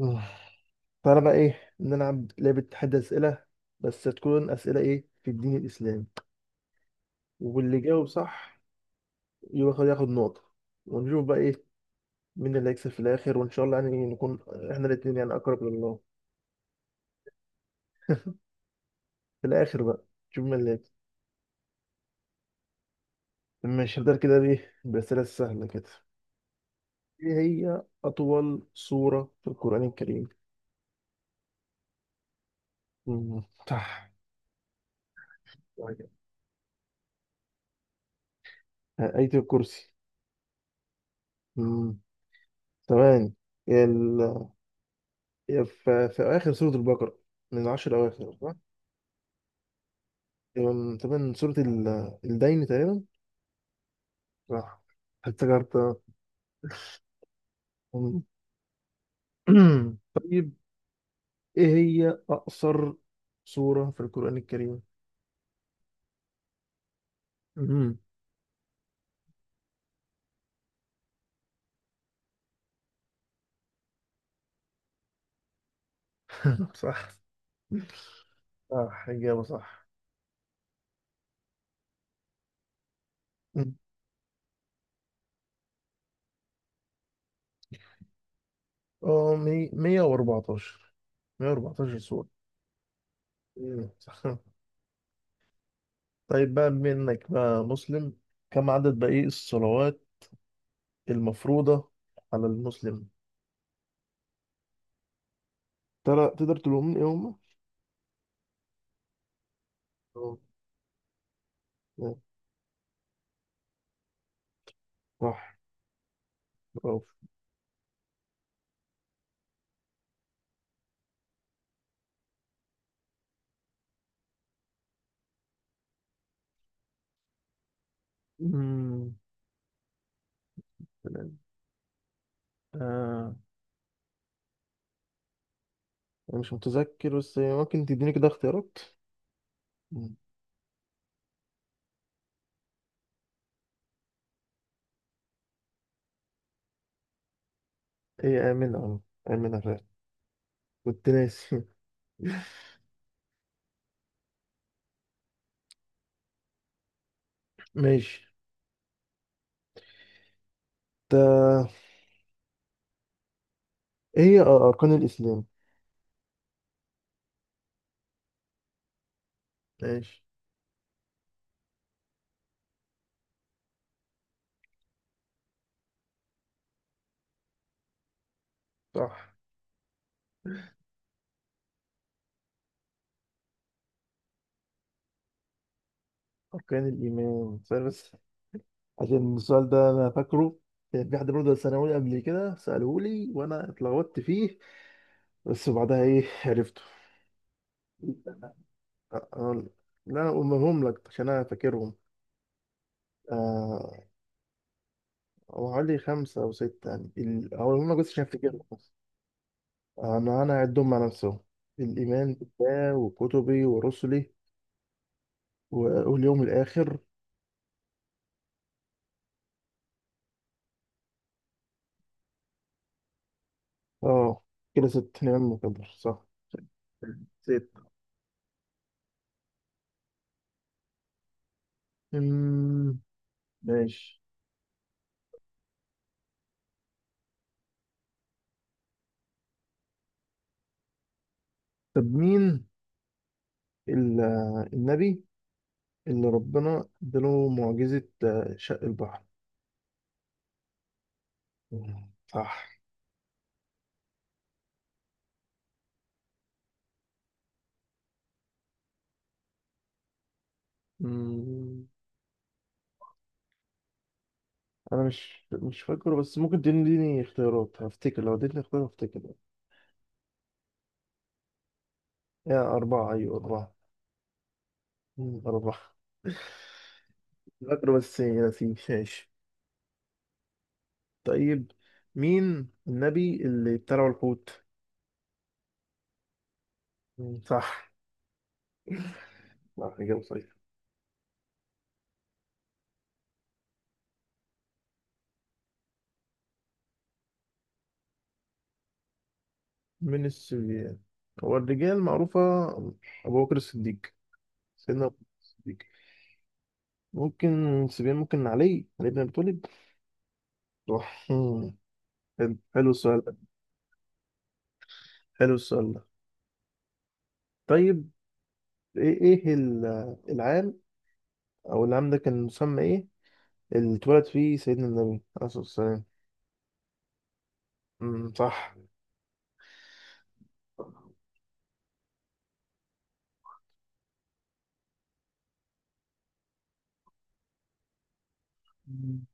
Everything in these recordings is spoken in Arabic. آه. تعالى بقى ايه نلعب لعبة تحدي أسئلة، بس تكون أسئلة ايه في الدين الإسلامي، واللي يجاوب صح ياخد نقطة، ونشوف بقى ايه مين اللي هيكسب في الآخر، وإن شاء الله يعني نكون احنا الاتنين يعني أقرب لله في الآخر بقى، نشوف مين اللي هيكسب. ماشي، هنبدأ كده بإيه، بأسئلة سهلة كده. ايه هي أطول سورة في القرآن الكريم؟ مم، صح. آية الكرسي. مم، ثواني. ال... في آخر سورة البقرة، من العشر أواخر. تقريباً سورة الدين تقريبا. صح، افتكرت. أم. طيب، ايه هي اقصر سورة في القرآن الكريم؟ مم. صح. صح، إجابة صح. مم. اه، 114. 114 سورة. مم. صح. طيب بقى، بما إنك بقى مسلم، كم عدد بقى إيه الصلوات المفروضة على المسلم؟ ترى تقدر تقولهم لي إيه هما؟ اه. آه. صح، برافو. مم. آه، مش متذكر، بس ممكن تديني كده اختيارات. مم. ايه، آمنة، اه، آمنة فعلا. كنت ناسي. ماشي. تا ايه هي أركان الإسلام. ماشي، صح. أركان الإيمان سؤال، بس عشان السؤال ده أنا فاكره، كان في حد برضه ثانوي قبل كده سأله لي وأنا اتلخبطت فيه، بس بعدها ايه عرفته. آه، لا أنا أقولهم لك عشان أنا فاكرهم. آه، هو حوالي خمسة أو ستة يعني هقولهم لك بس عشان أفتكرهم. أنا أعدهم مع نفسهم. الإيمان بالله وكتبي ورسلي واليوم الآخر. آه، كده ست، نعم، مكبر صح. ست. أمم، ماشي. طب مين ال- النبي اللي ربنا اداله معجزة شق البحر. مم، صح. أمم، أنا مش فاكره، بس ممكن تديني اختيارات هفتكر، لو اديتني اختيار هفتكر. يا أربعة، أيوة أربعة. مم، أربعة. فاكره بس نسيت. ماشي، طيب، مين النبي اللي ابتلعه الحوت؟ مم. صح. لا، إجابة صحيحة. من السبيان، هو الرجال معروفة، أبو بكر الصديق، سيدنا أبو بكر الصديق. ممكن سبيان، ممكن علي بن أبي طالب. صح. مم. حلو، حلو السؤال ده. حلو السؤال ده. طيب، إيه العام، أو العام ده كان مسمى إيه، اللي اتولد فيه سيدنا النبي عليه الصلاة والسلام؟ مم، صح. مم.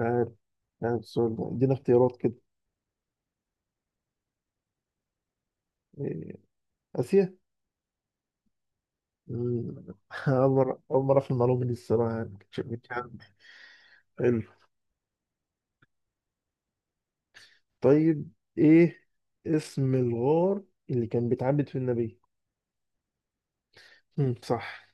عارف. عارف السؤال ده، إدينا اختيارات كده. إيه، آسيا. مم. أول مرة، أول مرة في المعلومة دي الصراحة، يعني كنتش عارف. حلو. طيب، إيه اسم الغار اللي كان بيتعبد فيه النبي؟ مم. صح.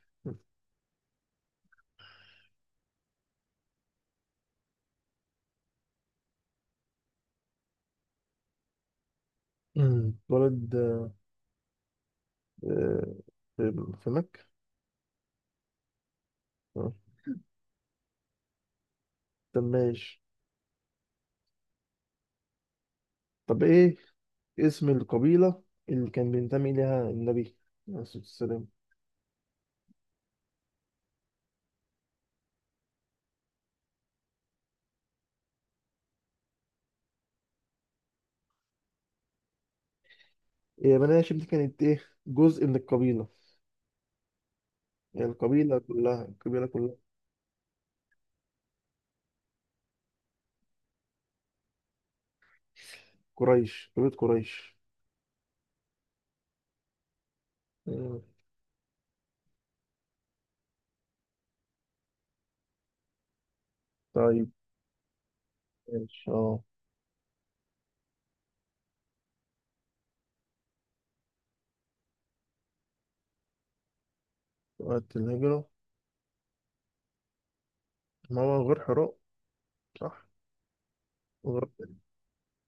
مم. اتولد آه، في في مكة. آه. طب ماشي، طب إيه اسم القبيلة اللي كان بينتمي إليها النبي عليه الصلاة والسلام؟ هي بني هاشم دي كانت إيه، جزء من القبيلة؟ يعني القبيلة كلها، القبيلة كلها. قريش، قبيلة قريش. مم. طيب، ماشي، اه، وقت الهجرة. ما هو غير حراء. صح. غير.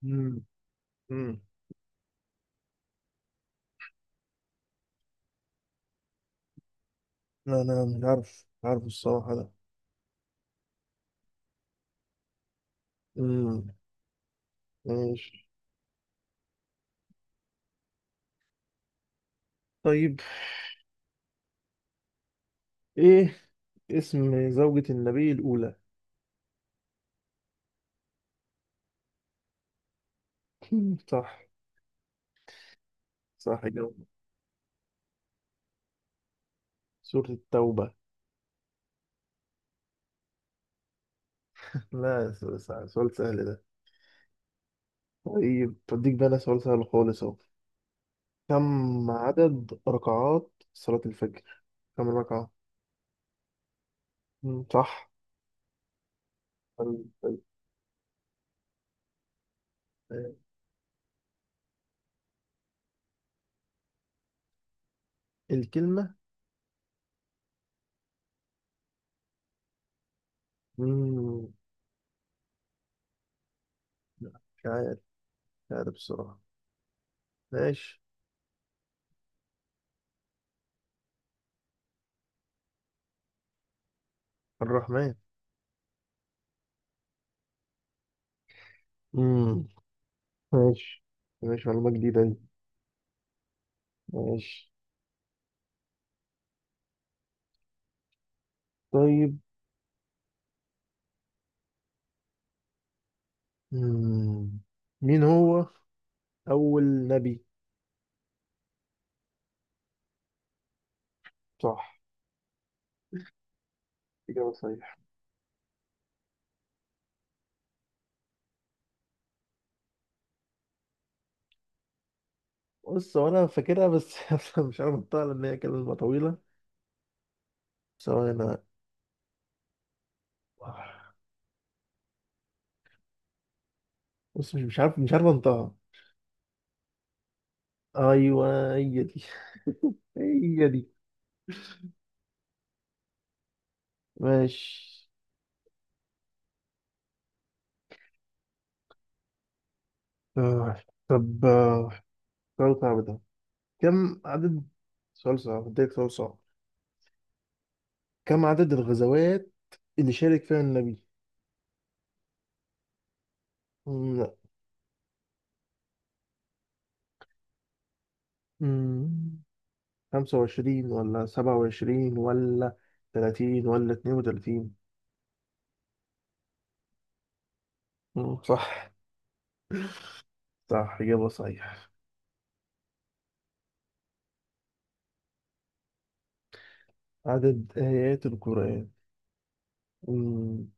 مم. مم. لا، أنا مش عارف، مش عارف الصراحة ده. مم. ماشي. طيب، إيه اسم زوجة النبي الأولى؟ مم. صح. صح جدا. سورة التوبة. لا، سؤال سهل ده. طيب، بديك بقى أنا سؤال سهل خالص أهو، كم عدد ركعات صلاة الفجر، كم ركعة؟ مم. صح. طيب، طيب. طيب. الكلمة. مم. لا، مش عارف، مش عارف الصراحة. ماشي. الرحمن. امم ماشي. ماشي، معلومة جديدة دي. ماشي. طيب، مم. مين هو أول نبي؟ صح، إجابة صحيحة. بص، هو أنا فاكرها، بس مش عارف أنطقها لأن هي كلمة طويلة. ثواني أنا. بص، مش عارف، مش عارف أنطقها. أيوه، هي دي. هي دي. ماشي. آه، طب، سؤال صعب ده. كم عدد سؤال صعب، أديك سؤال صعب. كم عدد الغزوات اللي شارك فيها النبي؟ مم، لا. مم، 25 ولا 27 ولا 30 ولا 32. مم، صح. صح، إجابة صحيح. عدد آيات القرآن. مم،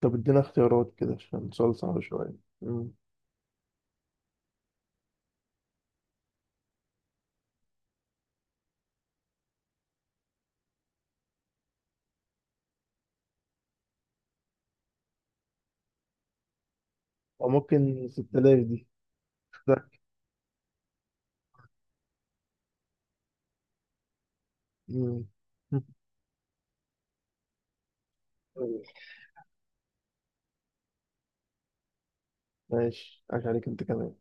طب ادينا اختيارات كده عشان سؤال صعب شوية. مم، أو ممكن 6000 دي. مم، ماشي، عاش عليك أنت كمان.